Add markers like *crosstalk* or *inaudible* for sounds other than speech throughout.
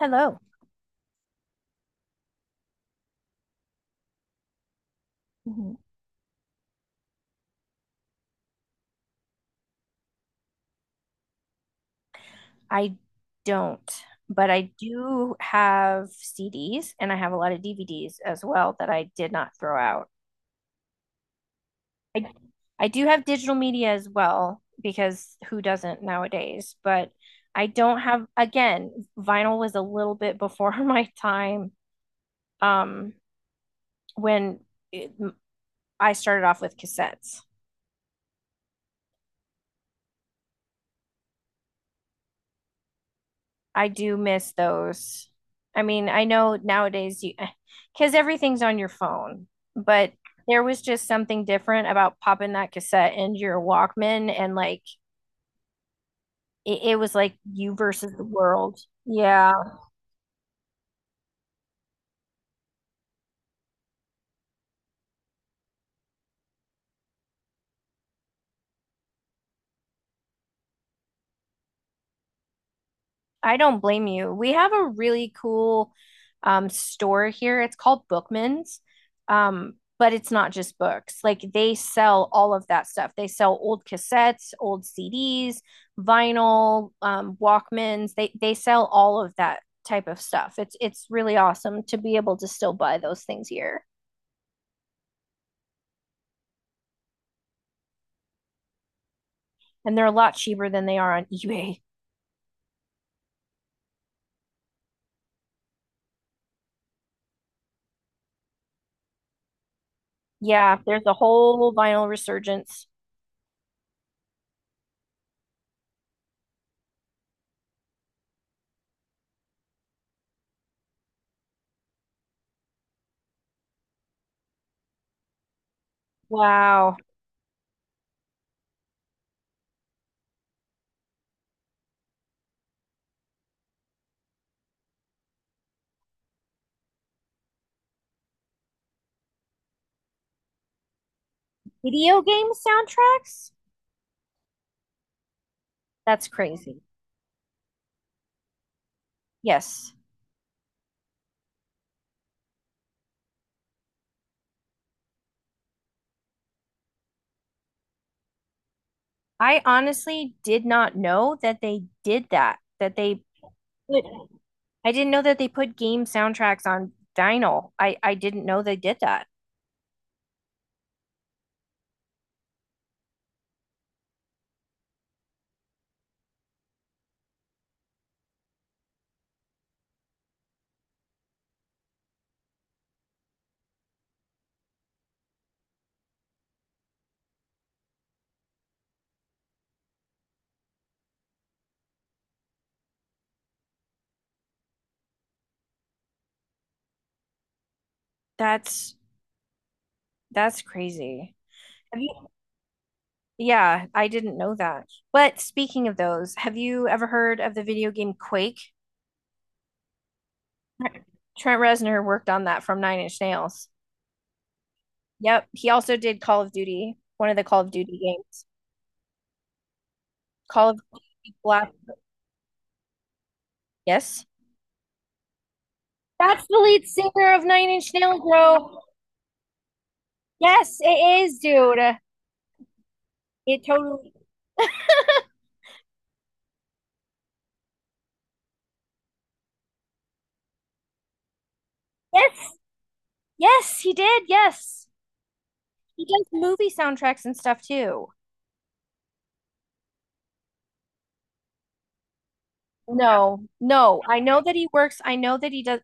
Hello. Mhm. I don't, but I do have CDs and I have a lot of DVDs as well that I did not throw out. I I do have digital media as well because who doesn't nowadays? But I don't have, again, vinyl was a little bit before *laughs* my time um when it, I started off with cassettes. I do miss those. I mean, I know nowadays you, *sighs* because everything's on your phone, but there was just something different about popping that cassette into your Walkman and it was like you versus the world. Yeah. I don't blame you. We have a really cool store here. It's called Bookman's, but it's not just books. Like they sell all of that stuff. They sell old cassettes, old CDs, vinyl, Walkmans. They sell all of that type of stuff. It's really awesome to be able to still buy those things here, and they're a lot cheaper than they are on eBay. Yeah, there's a whole vinyl resurgence. Wow. Video game soundtracks? That's crazy. Yes. I honestly did not know that they did that, put, I didn't know that they put game soundtracks on vinyl. I didn't know they did that. That's that's crazy. Have you? Yeah, I didn't know that. But speaking of those, have you ever heard of the video game Quake? Tre- Trent Reznor worked on that from Nine Inch Nails. Yep, he also did Call of Duty, one of the Call of Duty games. Call of Duty Black. Yes. That's the lead singer of Nine Inch Nails, bro. Yes, it is, dude. It totally. Yes, yes, he did. Yes, he does movie soundtracks and stuff too. No, no. I know that he works. I know that he does.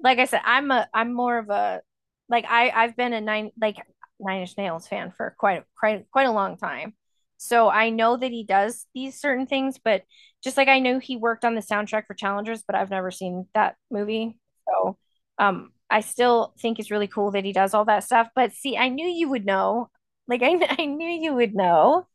Like I said, I'm a I'm more of a like I've been a Nine Inch Nails fan for quite a long time. So I know that he does these certain things, but just like I know he worked on the soundtrack for Challengers, but I've never seen that movie. So I still think it's really cool that he does all that stuff. But see, I knew you would know. Like I *laughs* I knew you would know.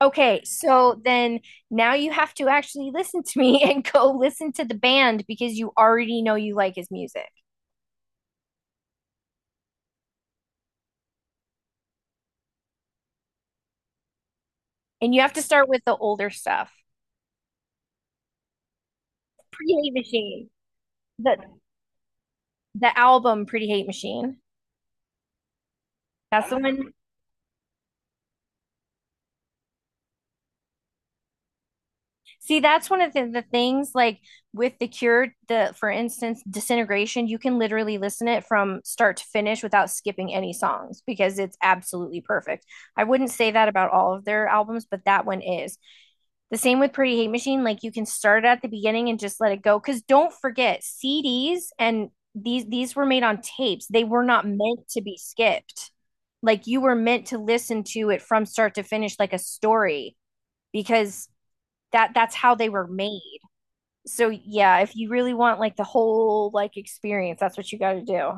Okay, so then now you have to actually listen to me *laughs* and go listen to the band because you already know you like his music. And you have to start with the older stuff. Pretty Hate Machine. The the album Pretty Hate Machine. That's the one See, that's one of the things like with the cure, the for instance, disintegration, you can literally listen it from start to finish without skipping any songs because it's absolutely perfect. I wouldn't say that about all of their albums, but that one is. The same with Pretty Hate Machine, like you can start it at the beginning and just let it go. Cause don't forget, CDs and these were made on tapes. They were not meant to be skipped. Like you were meant to listen to it from start to finish like a story because that's how they were made. So yeah, if you really want like the whole like experience, that's what you got to do.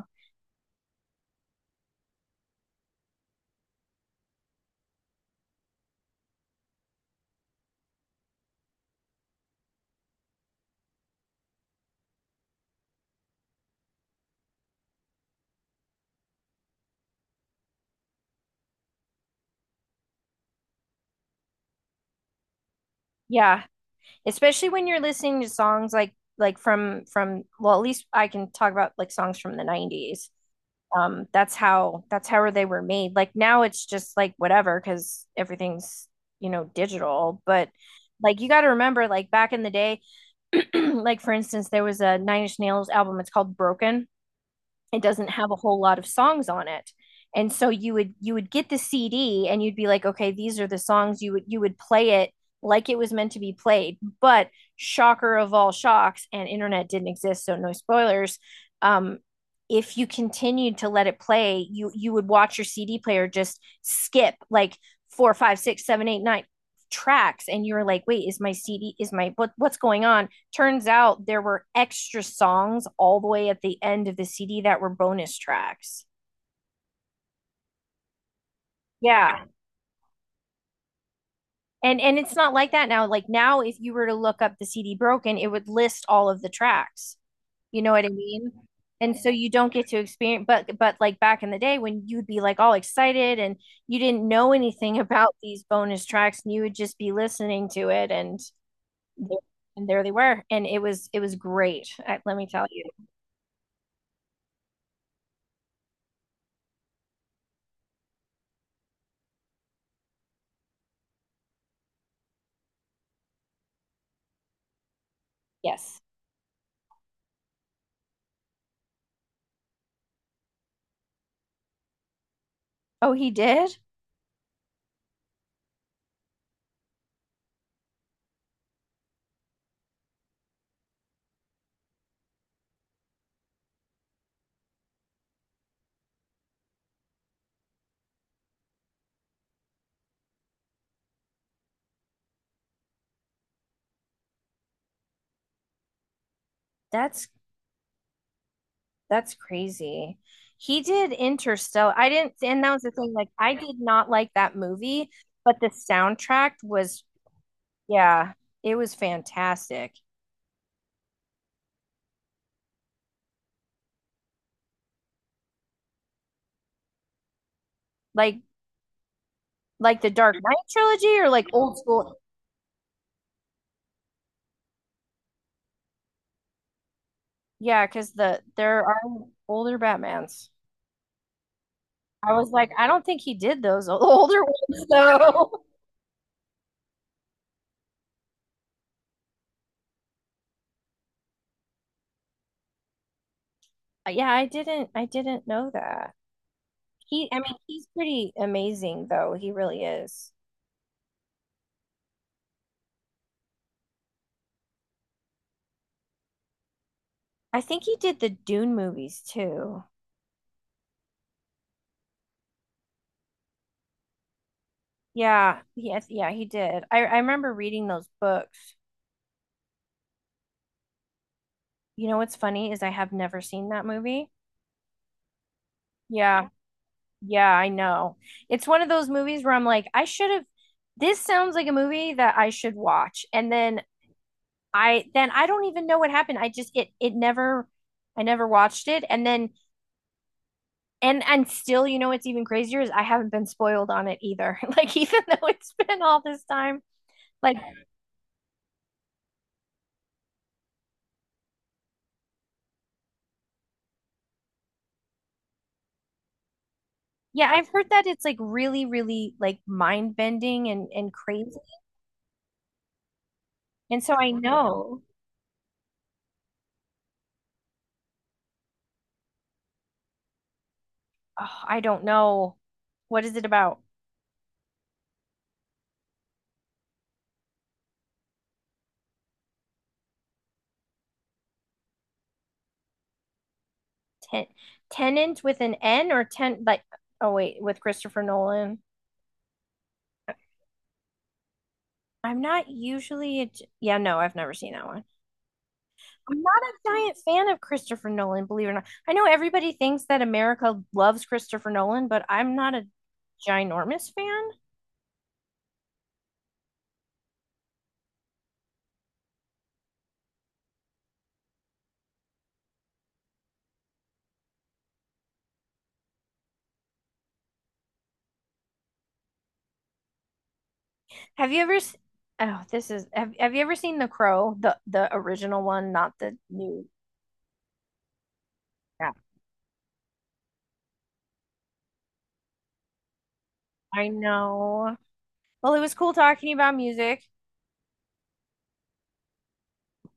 Yeah, especially when you're listening to songs like like from well, at least I can talk about like songs from the 90s. That's how they were made. Like now it's just like whatever cuz everything's, you know, digital, but like you got to remember like back in the day, *clears throat* like for instance there was a Nine Inch Nails album, it's called Broken. It doesn't have a whole lot of songs on it, and so you would get the CD and you'd be like, okay, these are the songs. You would play it like it was meant to be played. But shocker of all shocks, and internet didn't exist, so no spoilers. um if you continued to let it play, you would watch your CD player just skip like 4 5 6 7 8 9 tracks, and you were like, wait, is my what, what's going on? Turns out there were extra songs all the way at the end of the CD that were bonus tracks. Yeah. And it's not like that now. Like now if you were to look up the CD broken, it would list all of the tracks. You know what I mean? And so you don't get to experience, but like back in the day when you'd be like all excited and you didn't know anything *laughs* about these bonus tracks, and you would just be listening to it, and there they were, and it was great. I, let me tell you. Yes. Oh, he did? That's That's crazy. He did Interstellar. I didn't, and that was the thing. Like, I did not like that movie, but the soundtrack was, yeah, it was fantastic. Like, like the Dark Knight trilogy or like old school. Yeah, because the there are older Batmans. I was like, I don't think he did those *laughs* older ones though. *laughs* Yeah, I didn't know that. He, I mean, he's pretty amazing though. He really is. I think he did the Dune movies too. Yeah, yes, yeah, he did. I remember reading those books. You know what's funny is I have never seen that movie. Yeah. Yeah, I know. It's one of those movies where I'm like, I should have this sounds like a movie that I should watch. And then I don't even know what happened. I just it never I never watched it. And then and still, you know what's even crazier is I haven't been spoiled on it either. *laughs* Like even though it's been all this time, like yeah, I've heard that it's like really, really like mind bending and crazy. And so I know, oh, I don't know. What is it about? Ten Tenant with an N or ten like oh wait, with Christopher Nolan. I'm not usually a, yeah, no, I've never seen that one. I'm not a giant fan of Christopher Nolan, believe it or not. I know everybody thinks that America loves Christopher Nolan, but I'm not a ginormous fan. Have you ever s- oh, this is have you ever seen The Crow, the original one, not the new? Yeah, I know. Well, it was cool talking about music.